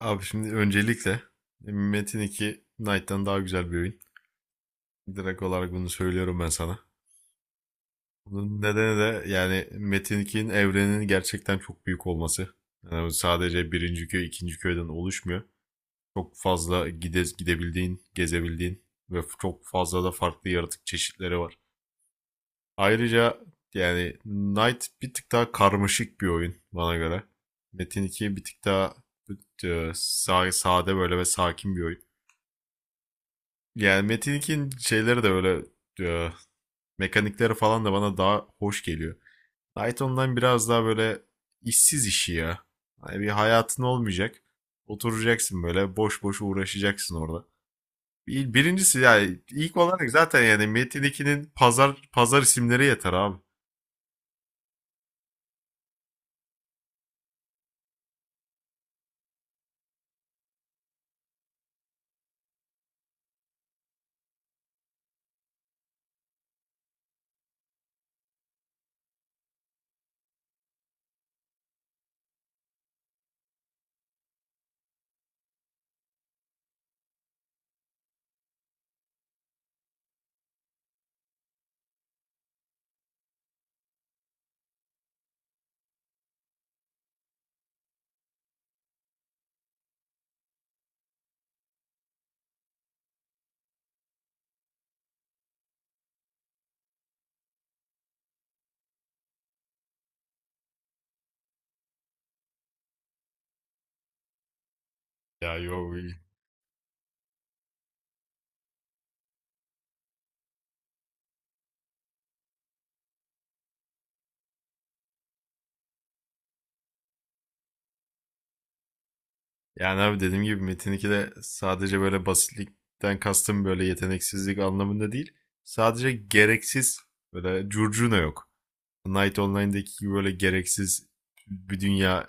Abi şimdi öncelikle Metin 2 Knight'tan daha güzel bir oyun. Direkt olarak bunu söylüyorum ben sana. Bunun nedeni de yani Metin 2'nin evreninin gerçekten çok büyük olması. Yani sadece birinci köy, ikinci köyden oluşmuyor. Çok fazla gidebildiğin, gezebildiğin ve çok fazla da farklı yaratık çeşitleri var. Ayrıca yani Knight bir tık daha karmaşık bir oyun bana göre. Metin 2 bir tık daha e, sade böyle ve sakin bir oyun. Yani Metin 2'nin şeyleri de öyle e, mekanikleri falan da bana daha hoş geliyor. Python'dan biraz daha böyle işsiz işi ya. Hani bir hayatın olmayacak. Oturacaksın böyle boş boş uğraşacaksın orada. Birincisi yani ilk olarak zaten yani Metin 2'nin pazar pazar isimleri yeter abi. Ya yo, yani abi dediğim gibi Metin 2'de sadece böyle basitlikten kastım böyle yeteneksizlik anlamında değil. Sadece gereksiz böyle curcuna yok. Night Online'daki gibi böyle gereksiz bir dünya,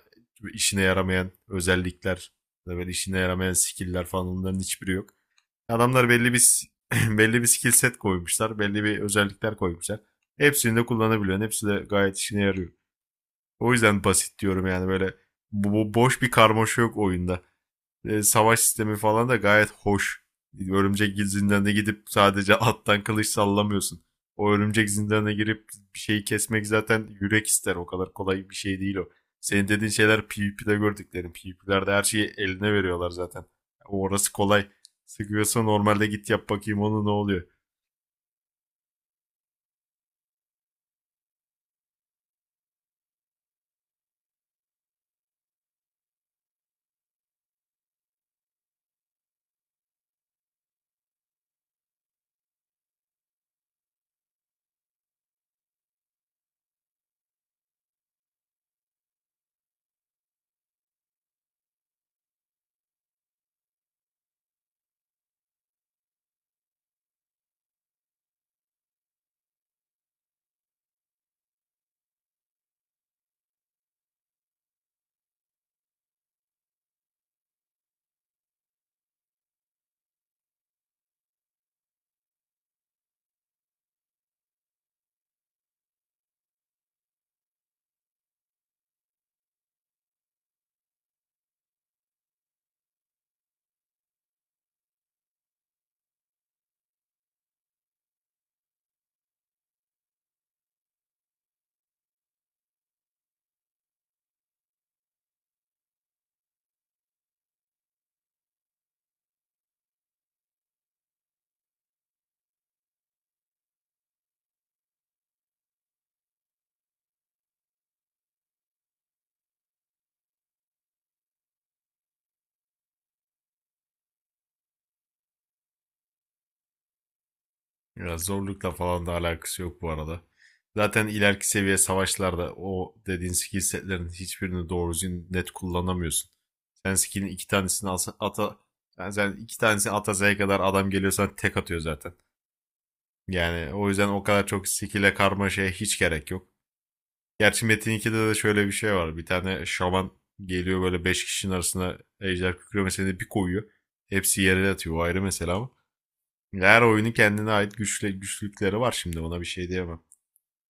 işine yaramayan özellikler, böyle işine yaramayan skill'ler falan onların hiçbiri yok. Adamlar belli bir belli bir skill set koymuşlar, belli bir özellikler koymuşlar. Hepsini de kullanabiliyorsun. Hepsi de gayet işine yarıyor. O yüzden basit diyorum yani böyle bu boş bir karmaşa yok oyunda. Savaş sistemi falan da gayet hoş. Örümcek zindanına gidip sadece attan kılıç sallamıyorsun. O örümcek zindanına girip bir şeyi kesmek zaten yürek ister. O kadar kolay bir şey değil o. Senin dediğin şeyler PvP'de gördüklerim. PvP'lerde her şeyi eline veriyorlar zaten. Orası kolay. Sıkıyorsa normalde git yap bakayım onu ne oluyor. Ya zorlukla falan da alakası yok bu arada. Zaten ileriki seviye savaşlarda o dediğin skill setlerin hiçbirini doğru düzgün net kullanamıyorsun. Sen skill'in iki tanesini alsa, ata yani sen iki tanesini ata Z'ye kadar adam geliyorsan tek atıyor zaten. Yani o yüzden o kadar çok skill'e karmaşaya hiç gerek yok. Gerçi Metin 2'de de şöyle bir şey var. Bir tane şaman geliyor böyle 5 kişinin arasına ejder kükremesini bir koyuyor. Hepsi yere yatıyor. O ayrı mesela ama. Her oyunun kendine ait güçlükleri var şimdi ona bir şey diyemem.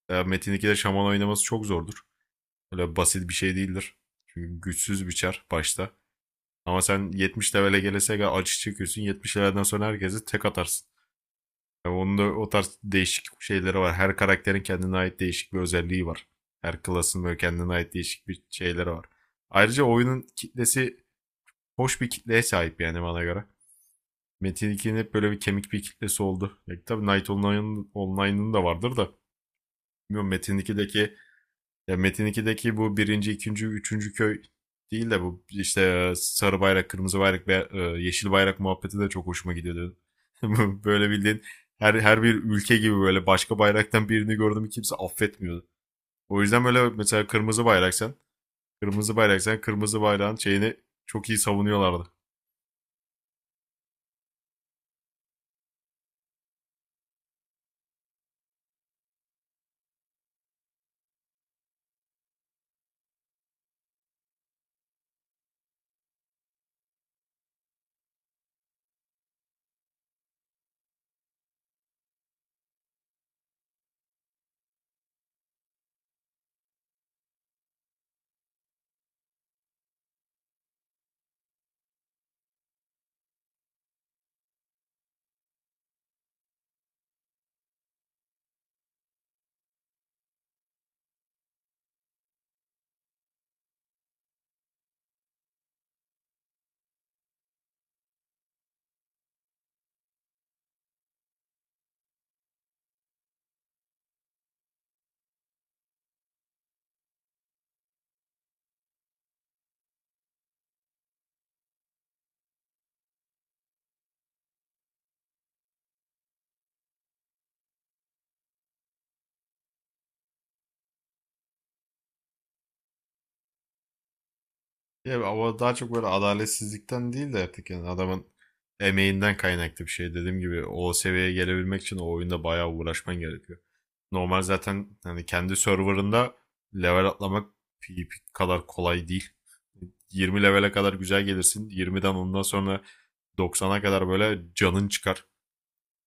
Ya Metin 2'de şaman oynaması çok zordur. Öyle basit bir şey değildir. Çünkü güçsüz bir çar başta. Ama sen 70 level'e gelese gel acı çekiyorsun. 70 level'den sonra herkesi tek atarsın. Yani onun da o tarz değişik şeyleri var. Her karakterin kendine ait değişik bir özelliği var. Her klasın böyle kendine ait değişik bir şeyleri var. Ayrıca oyunun kitlesi hoş bir kitleye sahip yani bana göre. Metin 2'nin hep böyle bir kemik bir kitlesi oldu. Ya, tabii Night Online'ın da vardır da. Bilmiyorum Metin 2'deki bu birinci, ikinci, üçüncü köy değil de bu işte sarı bayrak, kırmızı bayrak ve yeşil bayrak muhabbeti de çok hoşuma gidiyordu. Böyle bildiğin her bir ülke gibi böyle başka bayraktan birini gördüm mü kimse affetmiyordu. O yüzden böyle mesela kırmızı bayraksan, kırmızı bayrağın şeyini çok iyi savunuyorlardı. Ya ama daha çok böyle adaletsizlikten değil de artık yani adamın emeğinden kaynaklı bir şey. Dediğim gibi o seviyeye gelebilmek için o oyunda bayağı uğraşman gerekiyor. Normal zaten hani kendi serverında level atlamak PvP kadar kolay değil. 20 levele kadar güzel gelirsin. 20'den ondan sonra 90'a kadar böyle canın çıkar.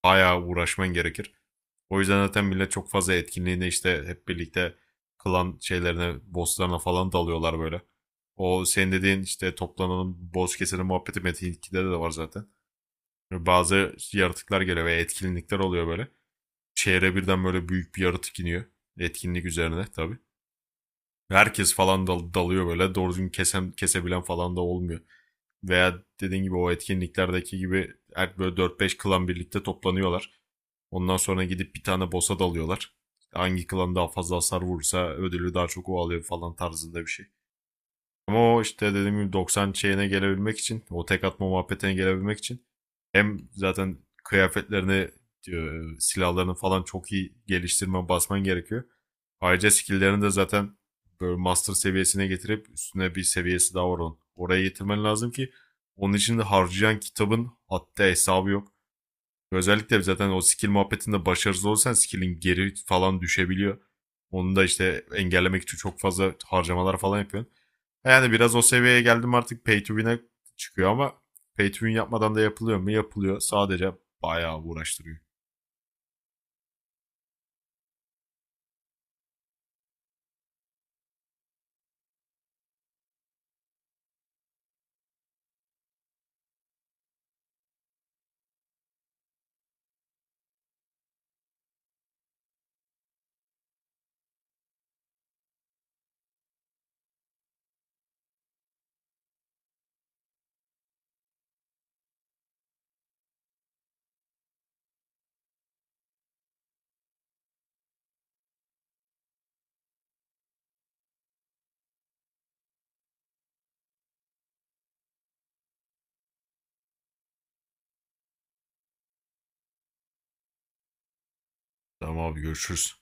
Bayağı uğraşman gerekir. O yüzden zaten millet çok fazla etkinliğine işte hep birlikte klan şeylerine, bosslarına falan dalıyorlar böyle. O senin dediğin işte toplanalım, boss keselim muhabbeti Metin 2'de de var zaten. Bazı yaratıklar geliyor veya etkinlikler oluyor böyle. Şehre birden böyle büyük bir yaratık iniyor. Etkinlik üzerine tabii. Herkes falan dalıyor böyle. Doğru düzgün kesen, kesebilen falan da olmuyor veya dediğin gibi o etkinliklerdeki gibi her böyle dört beş klan birlikte toplanıyorlar. Ondan sonra gidip bir tane boss'a dalıyorlar. Hangi klan daha fazla hasar vurursa ödülü daha çok o alıyor falan tarzında bir şey. Ama o işte dediğim gibi 90 şeyine gelebilmek için, o tek atma muhabbetine gelebilmek için hem zaten kıyafetlerini, silahlarını falan çok iyi geliştirmen, basman gerekiyor. Ayrıca skill'lerini de zaten böyle master seviyesine getirip üstüne bir seviyesi daha var onun. Oraya getirmen lazım ki onun için de harcayan kitabın hatta hesabı yok. Özellikle zaten o skill muhabbetinde başarısız olursan skill'in geri falan düşebiliyor. Onu da işte engellemek için çok fazla harcamalar falan yapıyorsun. Yani biraz o seviyeye geldim artık pay to win'e çıkıyor ama pay to win yapmadan da yapılıyor mu? Yapılıyor. Sadece bayağı uğraştırıyor. Tamam abi, görüşürüz.